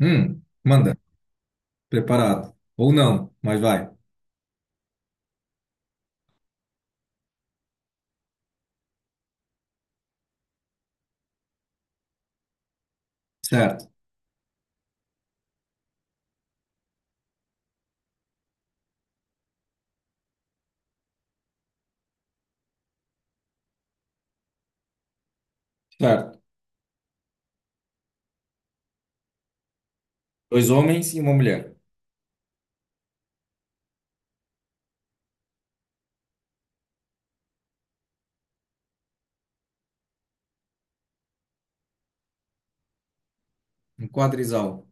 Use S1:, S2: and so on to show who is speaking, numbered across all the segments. S1: Manda. Preparado. Ou não, mas vai. Certo, certo. Dois homens e uma mulher. Um quadrisal.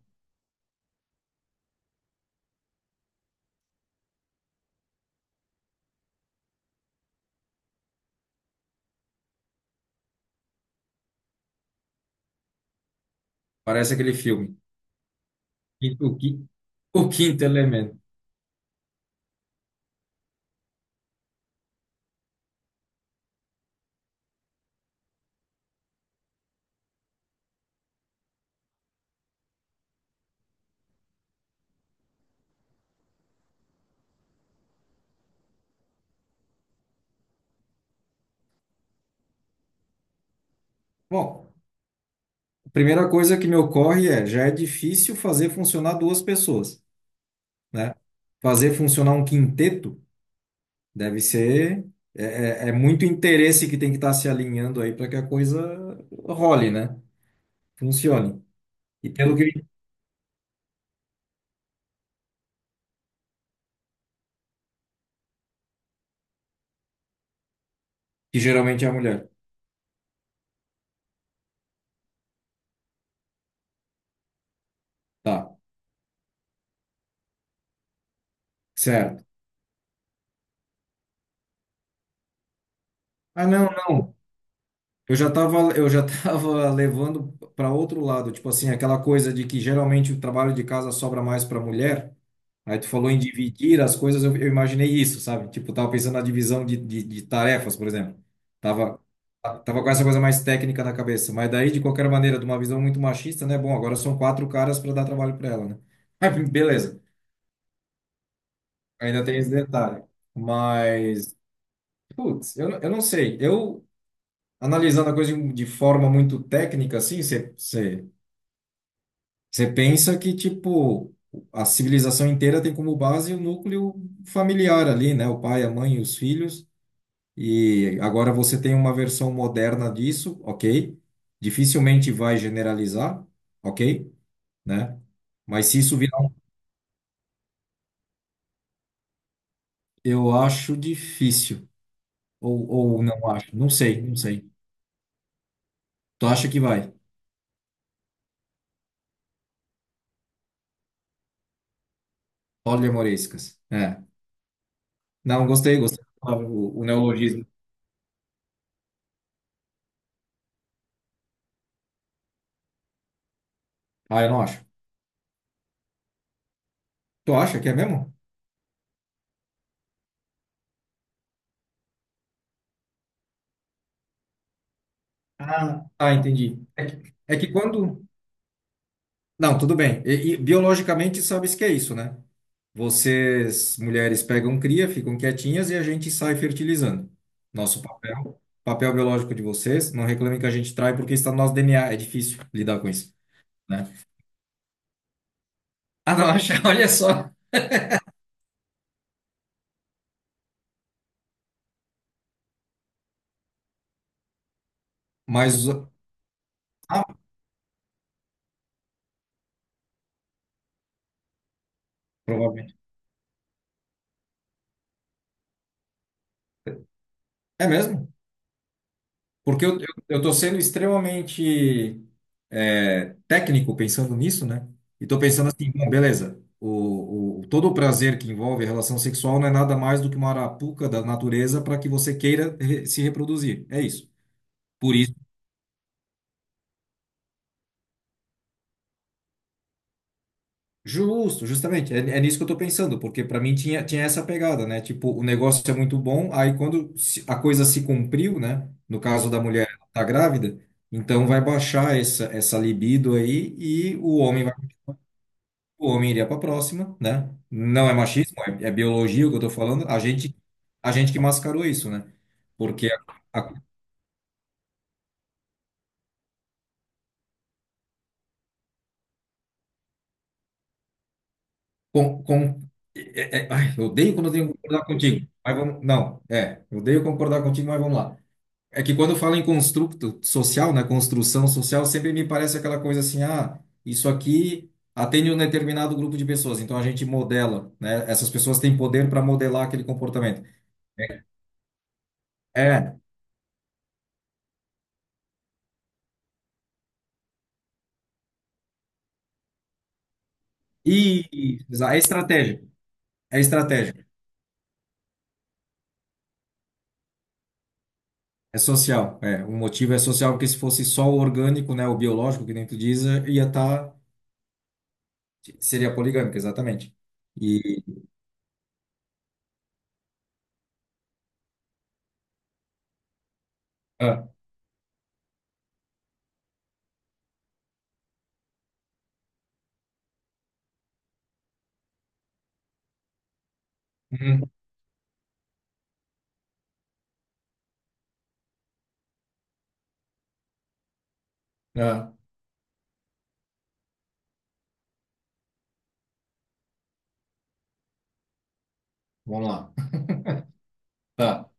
S1: Parece aquele filme. E o, o quinto elemento. Bom, a primeira coisa que me ocorre é, já é difícil fazer funcionar duas pessoas, né? Fazer funcionar um quinteto deve ser... É, muito interesse que tem que estar se alinhando aí para que a coisa role, né? Funcione. E pelo que geralmente é a mulher. Tá, certo. Ah, não, não. Eu já tava levando para outro lado, tipo assim, aquela coisa de que geralmente o trabalho de casa sobra mais para mulher. Aí tu falou em dividir as coisas, eu imaginei isso, sabe? Tipo, tava pensando na divisão de tarefas, por exemplo. Tava, tava com essa coisa mais técnica na cabeça. Mas daí, de qualquer maneira, de uma visão muito machista, né? Bom, agora são quatro caras para dar trabalho para ela, né? Aí, beleza, ainda tem esse detalhe. Mas, putz, eu, eu não sei. Eu, analisando a coisa de forma muito técnica, assim, você. Você pensa que, tipo, a civilização inteira tem como base o núcleo familiar ali, né? O pai, a mãe e os filhos. E agora você tem uma versão moderna disso, ok? Dificilmente vai generalizar, ok? Né? Mas se isso virar, eu acho difícil. Ou não acho. Não sei, não sei. Tu acha que vai? Poliemorescas. É. Não, gostei, gostei. Da palavra, o neologismo. Ah, eu não acho. Tu acha que é mesmo? Ah, ah, entendi. É que quando. Não, tudo bem. E biologicamente, sabes que é isso, né? Vocês, mulheres, pegam cria, ficam quietinhas e a gente sai fertilizando. Nosso papel, papel biológico de vocês, não reclamem que a gente trai porque está no nosso DNA, é difícil lidar com isso, né? Ah, não, acha, olha só. Mas, ah, provavelmente. É mesmo? Porque eu estou sendo extremamente técnico pensando nisso, né? E estou pensando assim, bom, beleza, todo o prazer que envolve a relação sexual não é nada mais do que uma arapuca da natureza para que você queira se reproduzir. É isso. Por isso, justo, justamente, é, é nisso que eu estou pensando, porque para mim tinha, tinha essa pegada, né? Tipo, o negócio é muito bom, aí quando a coisa se cumpriu, né? No caso da mulher, ela tá grávida, então vai baixar essa, essa libido aí e o homem. O homem iria para a próxima, né? Não é machismo, é, é biologia o que eu estou falando. A gente que mascarou isso, né? Porque a, a- com, é- é, ai, eu odeio quando eu tenho que concordar contigo. Mas vamos, não, é, eu odeio concordar contigo, mas vamos lá. É que quando fala em construto social, né? Construção social, sempre me parece aquela coisa assim, ah, isso aqui atende um determinado grupo de pessoas, então a gente modela, né? Essas pessoas têm poder para modelar aquele comportamento. É, e, e- é estratégico, é estratégico. É social, é. O motivo é social, porque se fosse só o orgânico, né, o biológico, que nem tu diz, eh, ia estar. Seria poligâmico, exatamente. E. Ah, uhum, ah, vamos lá. Tá,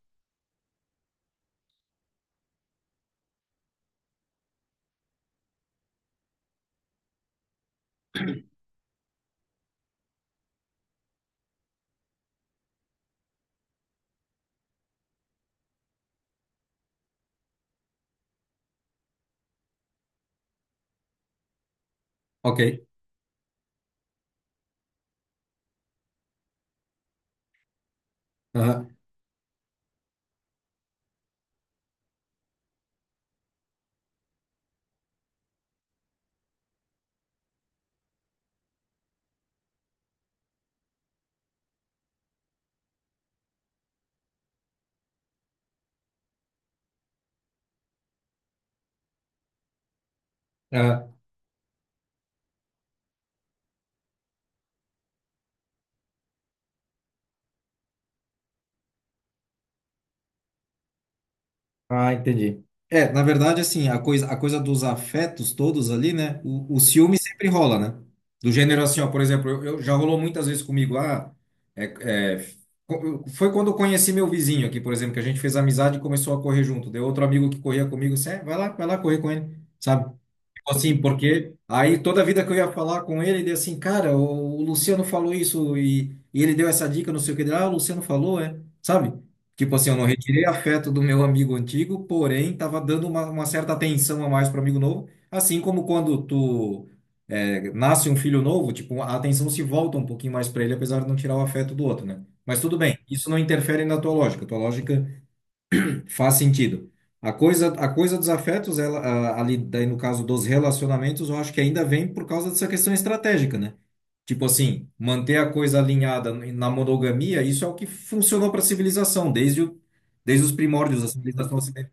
S1: ok. Aham, ah, ah, entendi. É, na verdade, assim, a coisa dos afetos todos ali, né? O ciúme sempre rola, né? Do gênero assim, ó, por exemplo, eu, já rolou muitas vezes comigo, ah, é, é, foi quando eu conheci meu vizinho aqui, por exemplo, que a gente fez amizade e começou a correr junto. Deu outro amigo que corria comigo, assim, é, vai lá correr com ele, sabe? Tipo assim, porque aí toda a vida que eu ia falar com ele, ele assim, cara, o Luciano falou isso e ele deu essa dica, não sei o que. Ele, ah, o Luciano falou, é, sabe? Tipo assim, eu não retirei afeto do meu amigo antigo, porém tava dando uma certa atenção a mais para amigo novo. Assim como quando tu nasce um filho novo, tipo, a atenção se volta um pouquinho mais para ele, apesar de não tirar o afeto do outro, né? Mas tudo bem, isso não interfere na tua lógica. Tua lógica faz sentido. A coisa dos afetos, ela, ali, daí no caso dos relacionamentos, eu acho que ainda vem por causa dessa questão estratégica, né? Tipo assim, manter a coisa alinhada na monogamia, isso é o que funcionou para a civilização, desde, o, desde os primórdios da civilização ocidental.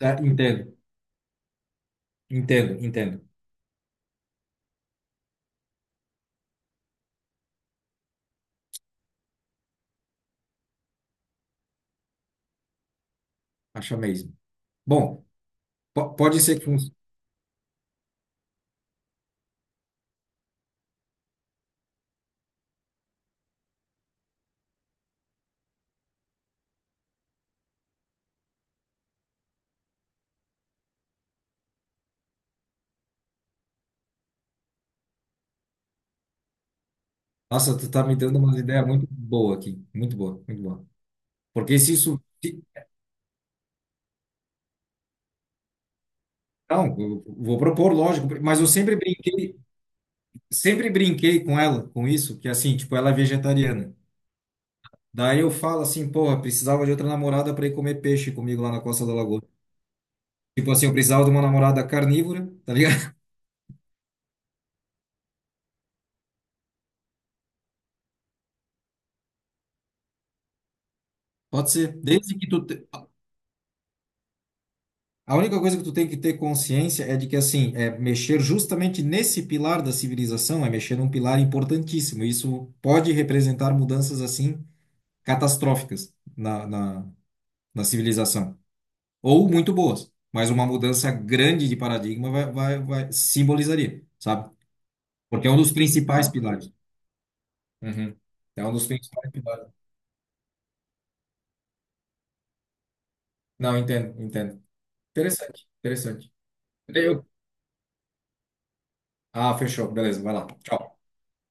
S1: Ah, entendo, entendo, entendo. Acho mesmo. Bom, pode ser que funcione. Nossa, tu tá me dando uma ideia muito boa aqui. Muito boa, muito boa. Porque se isso. Não, eu vou propor, lógico, mas eu sempre brinquei. Sempre brinquei com ela, com isso, que é assim, tipo, ela é vegetariana. Daí eu falo assim, porra, precisava de outra namorada para ir comer peixe comigo lá na Costa da Lagoa. Tipo assim, eu precisava de uma namorada carnívora, tá ligado? Pode ser. Desde que tu te... A única coisa que tu tem que ter consciência é de que assim, é mexer justamente nesse pilar da civilização, é mexer num pilar importantíssimo. Isso pode representar mudanças assim catastróficas na, na, na civilização. Ou muito boas, mas uma mudança grande de paradigma vai, vai simbolizaria, sabe? Porque é um dos principais pilares. Uhum. É um dos principais pilares. Não, entendo, entendo. Interessante, interessante. Eu... Ah, fechou. Beleza, vai lá. Tchau.